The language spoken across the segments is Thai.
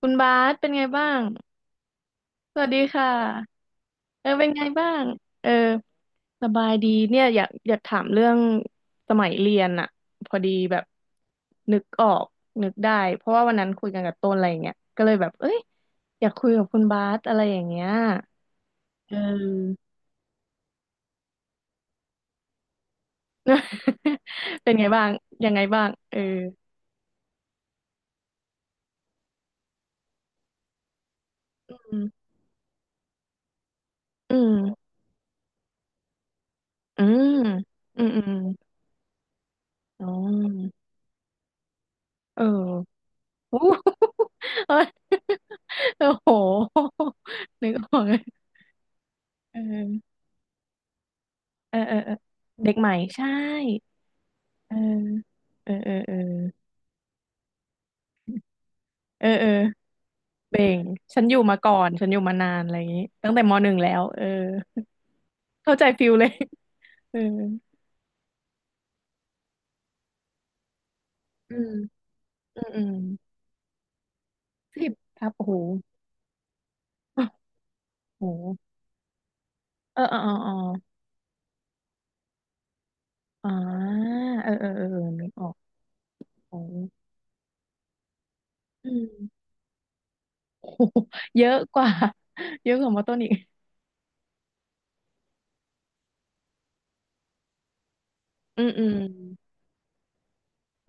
คุณบาสเป็นไงบ้าง สวัสดีค่ะเออเป็นไงบ้างเออสบายดีเนี่ยอยากถามเรื่องสมัยเรียนอะพอดีแบบนึกออกนึกได้เพราะว่าวันนั้นคุยกันกับต้นอะไรอย่างเงี้ยก็เลยแบบเอ้ยอยากคุยกับคุณบาสอะไรอย่างเงี้ยเออ เป็นไงบ้างยังไงบ้างเอออืมอืมอืมอืมอืมอ๋อเออ โอ้เออโอ้โหนึกออกเลยเออเออเออเออเด็กใหม่ใช่เออเออเออเออเออเออเบ่งฉันอยู่มาก่อนฉันอยู่มานานอะไรอย่างนี้ตั้งแต่มหนึ่งแล้วเออเข้าใจฟิลเลยเอออืมอืมอืมสิบทับโอ้โหโอ้โห เออเออเออเอออ่าเออเออเออนึกออกโอ้โหอืม โอ้โหเยอะกว่าเยอะกว่ามาต้นอีกอืมอืม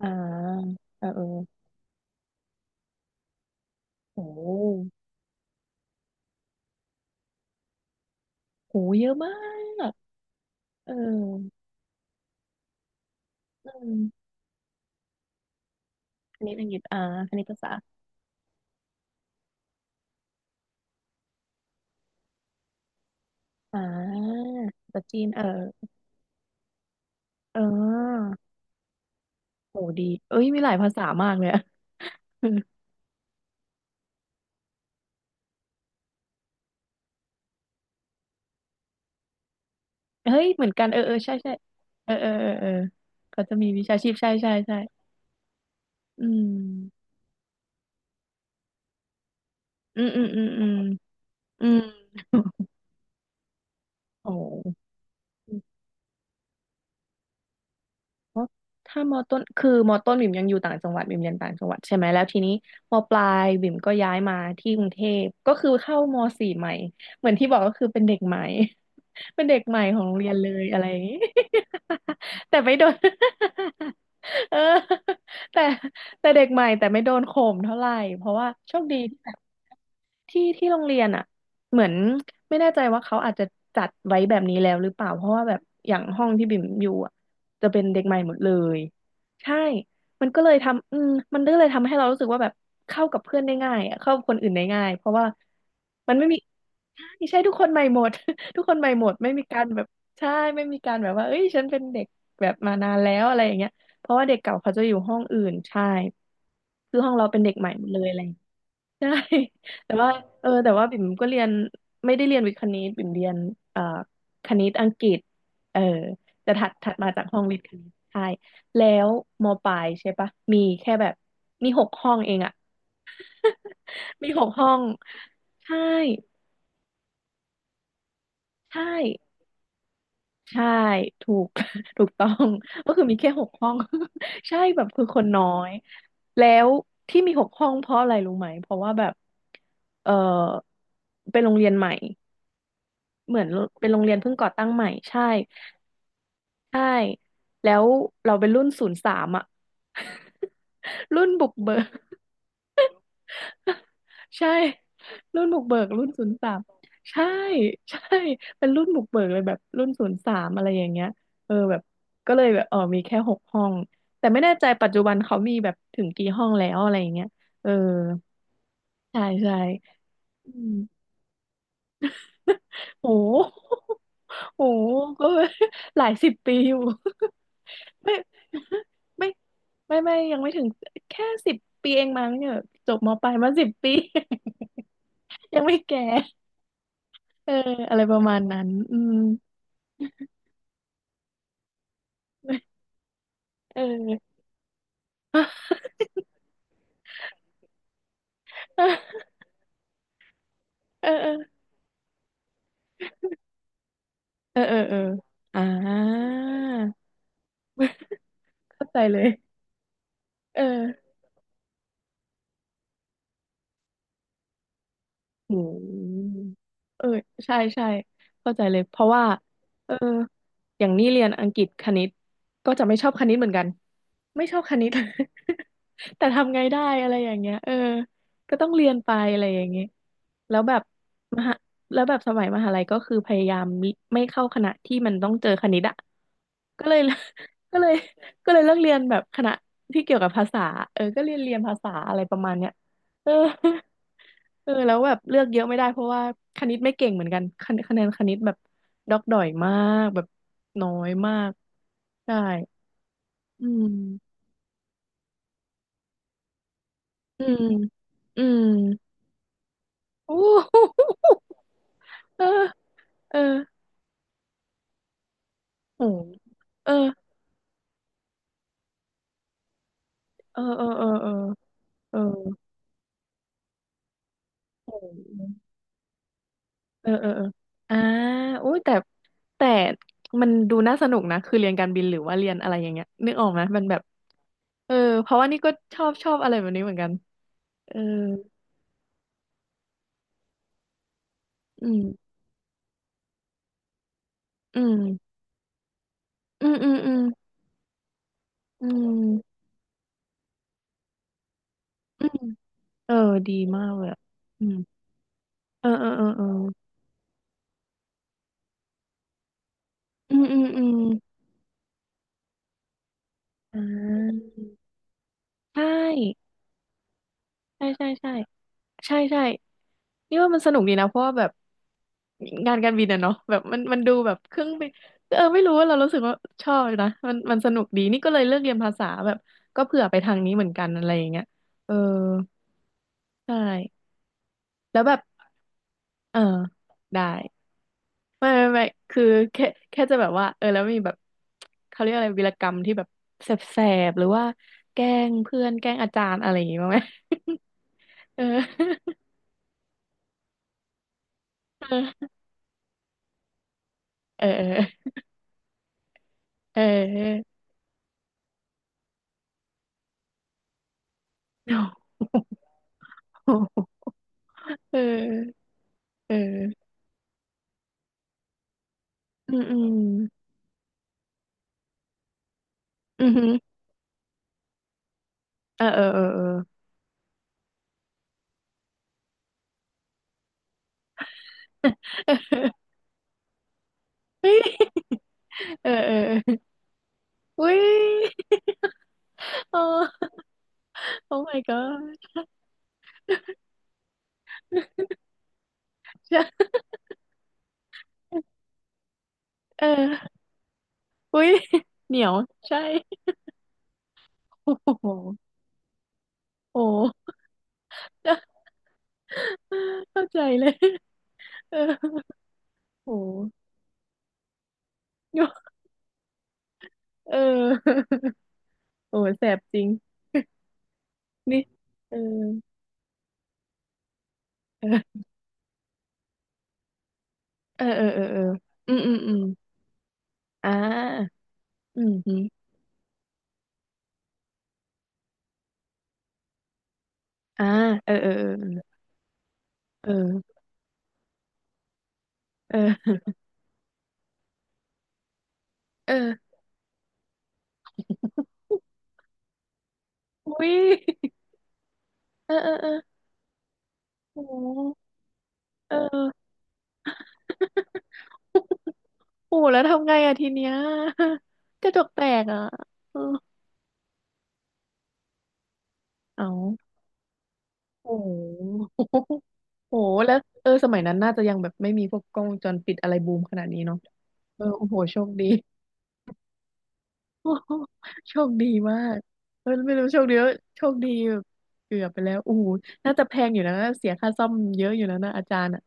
อ่าเออเออโอ้โหเยอะมากเอออืมคณิตอังกฤษอ่าคณิตศาสาอ่าภาษาจีนเออเออโหดีเอ้ยมีหลายภาษามากเลยอะ เฮ้ยเหมือนกันเออเออใช่ใช่เออเออเออเออเขาจะมีวิชาชีพใช่ใช่ใช่อืมอืมอืมอืมอืมอืมโอ้ อ๋อถ้ามอต้นคือมอต้นบิ่มยังอยู่ต่างจังหวัดบิ่มเรียนต่างจังหวัดใช่ไหมแล้วทีนี้มอปลายบิ่มก็ย้ายมาที่กรุงเทพก็คือเข้ามอสี่ใหม่เหมือนที่บอกก็คือเป็นเด็กใหม่ เป็นเด็กใหม่ของโรงเรียนเลยอะไรอย่างนี้ แต่ไม่โดน เออแต่เด็กใหม่แต่ไม่โดนข่มเท่าไหร่เพราะว่าโชคดี ที่โรงเรียนอ่ะเหมือนไม่แน่ใจว่าเขาอาจจะจัดไว้แบบนี้แล้วหรือเปล่าเพราะว่าแบบอย่างห้องที่บิ่มอยู่อ่ะจะเป็นเด็กใหม่หมดเลยใช่มันก็เลยทำมันก็เลยทำให้เรารู้สึกว่าแบบเข้ากับเพื่อนได้ง่ายอะเข้ากับคนอื่นได้ง่ายเพราะว่ามันไม่มีใช่ใช่ทุกคนใหม่หมด ทุกคนใหม่หมดไม่มีการแบบใช่ไม่มีการแบบว่าเอ้ยฉันเป็นเด็กแบบมานานแล้วอะไรอย่างเงี้ยเพราะว่าเด็กเก่าเขาจะอยู่ห้องอื่นใช่คือห้องเราเป็นเด็กใหม่หมดเลยอะไร ใช่ แต่ว่าเออแต่ว่าบิ่มก็เรียนไม่ได้เรียนวิทย์คณิตบิ่มเรียนเอ่อคณิตอังกฤษเออแต่ถัดมาจากห้องวิทย์คณิตใช่แล้วมปลายใช่ปะมีแค่แบบมีหกห้องเองอะ มีหกห้องใช่ใช่ใช่ถูก ถูกต้องก็คือมีแค่หกห้อง ใช่แบบคือคนน้อยแล้วที่มีหกห้องเพราะอะไรรู้ไหมเพราะว่าแบบเออเป็นโรงเรียนใหม่ เหมือนเป็นโรงเรียนเพิ่งก่อตั้งใหม่ใช่ใช่แล้วเราเป็นรุ่นศูนย์สามอ่ะ รุ่นบุกเบิก ใช่รุ่นบุกเบิกรุ่นศูนย์สามใช่ใช่เป็นรุ่นบุกเบิกเลยแบบรุ่นศูนย์สามอะไรอย่างเงี้ยเออแบบก็เลยแบบเออมีแค่หกห้องแต่ไม่แน่ใจปัจจุบันเขามีแบบถึงกี่ห้องแล้วอะไรอย่างเงี้ยเออใช่ใช่อืม โหโหก็ หลายสิบปีอยู่ ไม่ไม่ไม่ไม่ยังไม่ถึงแค่สิบปีเองมั้งเนี่ยจบมปลายมาสิบปี ยังไม่แก่เอออะไรประมาณนั้นอืมเออเออเออเออเออเอออ่าเข้าใจเลยเออ อืมเออใช่ใช่เข้าใจเลยเพราะว่าเอออย่างนี้เรียนอังกฤษคณิตก็จะไม่ชอบคณิตเหมือนกันไม่ชอบคณิต แต่ทำไงได้อะไรอย่างเงี้ยเออก็ต้องเรียนไปอะไรอย่างเงี้ยแล้วแบบมหาแล้วแบบสมัยมหาลัยก็คือพยายามมิไม่เข้าคณะที่มันต้องเจอคณิตอ่ะก็เลย ก็เลยเลิกเรียนแบบคณะที่เกี่ยวกับภาษาเออก็เรียนภาษาอะไรประมาณเนี้ย เออเออแล้วแบบเลือกเยอะไม่ได้เพราะว่าคณิตไม่เก่งเหมือนกันคะแนนคณิตแบบดอกดอยมากแบบน้อยมากใช่อืมอืมอืม อู้หูเออเออโหเออเออเออเออเออเออโหเออเออเอออ่าอุ้ยแต่แต่มันดูน่าสนุกนะคือเรียนการบินหรือว่าเรียนอะไรอย่างเงี้ยนึกออกไหมมันแบบเออเพราะว่านี่ก็ชอบอะไรแบบนี้เหมือนกัน เอออืมอืมอืมอืมอืมอืมอืมเออ ดีมากเลยอะอืมเออเออเออเอออืมอืมอืมอ่าใช่ใช่ใช่ใช่ใช่ใช่นี่ว่ามันสนุกดีนะ เพราะว่าแบบงานการบินอะเนาะแบบมันดูแบบเครื่องบินเออไม่รู้ว่าเรารู้สึกว่าชอบนะ มันสนุกดี นี่ก็เลยเลือกเรียนภาษาแบบก็เผื่อไปทางนี้เหมือนกันอะไรอย่างเงี้ยเออใช่ แล้วแบบเออได้ ไม่ไม่ไม่ คือแค่จะแบบว่าเออแล้วมีแบบเขาเรียกอะไรวีรกรรมที่แบบแสบๆหรือว่าแกล้งเพื่อนแกล้งอาจารย์อะไรอย่างงี้บ้างไหม เออเออเออเออเออ เอออืมอืมอืมเออเออเออเออ เฮ้ยเออเอออุ้ย โอ้ Oh my god ใช่ เอออุ้ยเหนียวใช่ โอ้โหโอ้ เข้าใจเลย เออ โหเออ โอ้แสบจริง นี่เออ เออเออเออเออเอออืมอืมอืมอ่าอืมอืมอ่าเออเออเออเออเออเออ อุ้ยเออเออเออโอ้เออ โอ้แล้วทำไงอะทีเนี้ย กระจกแตกอะเออเอา โอ้โหโอ้โห แล้วเออสมัยนั้นน่าจะยังแบบไม่มีพวกกล้องวงจรปิดอะไรบูมขนาดนี้เนาะเออโอ้โหโชคดี โอ้โหโชคดีมากเออไม่รู้โชคดีว่าโชคดีแบบเกือบไปแล้วโอ้โหน่าจะแพงอยู่นะเสียค่าซ่อมเยอะอยู่นะนะอาจารย์อ่ะ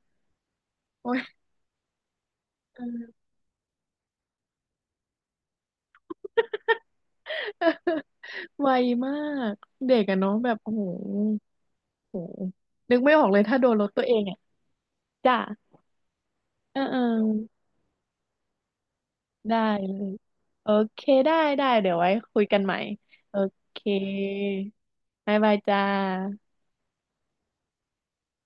โอ้ย เออไวมากเด็กอะเนาะแบบโอ้โหโอ้โหนึกไม่ออกเลยถ้าโดนรถตัวเองอ่ะจ้าเออเออ ได้เลยโอเคได้ได้เดี๋ยวไว้คุยกันใหม่โอเคบ๊ายบายจ้า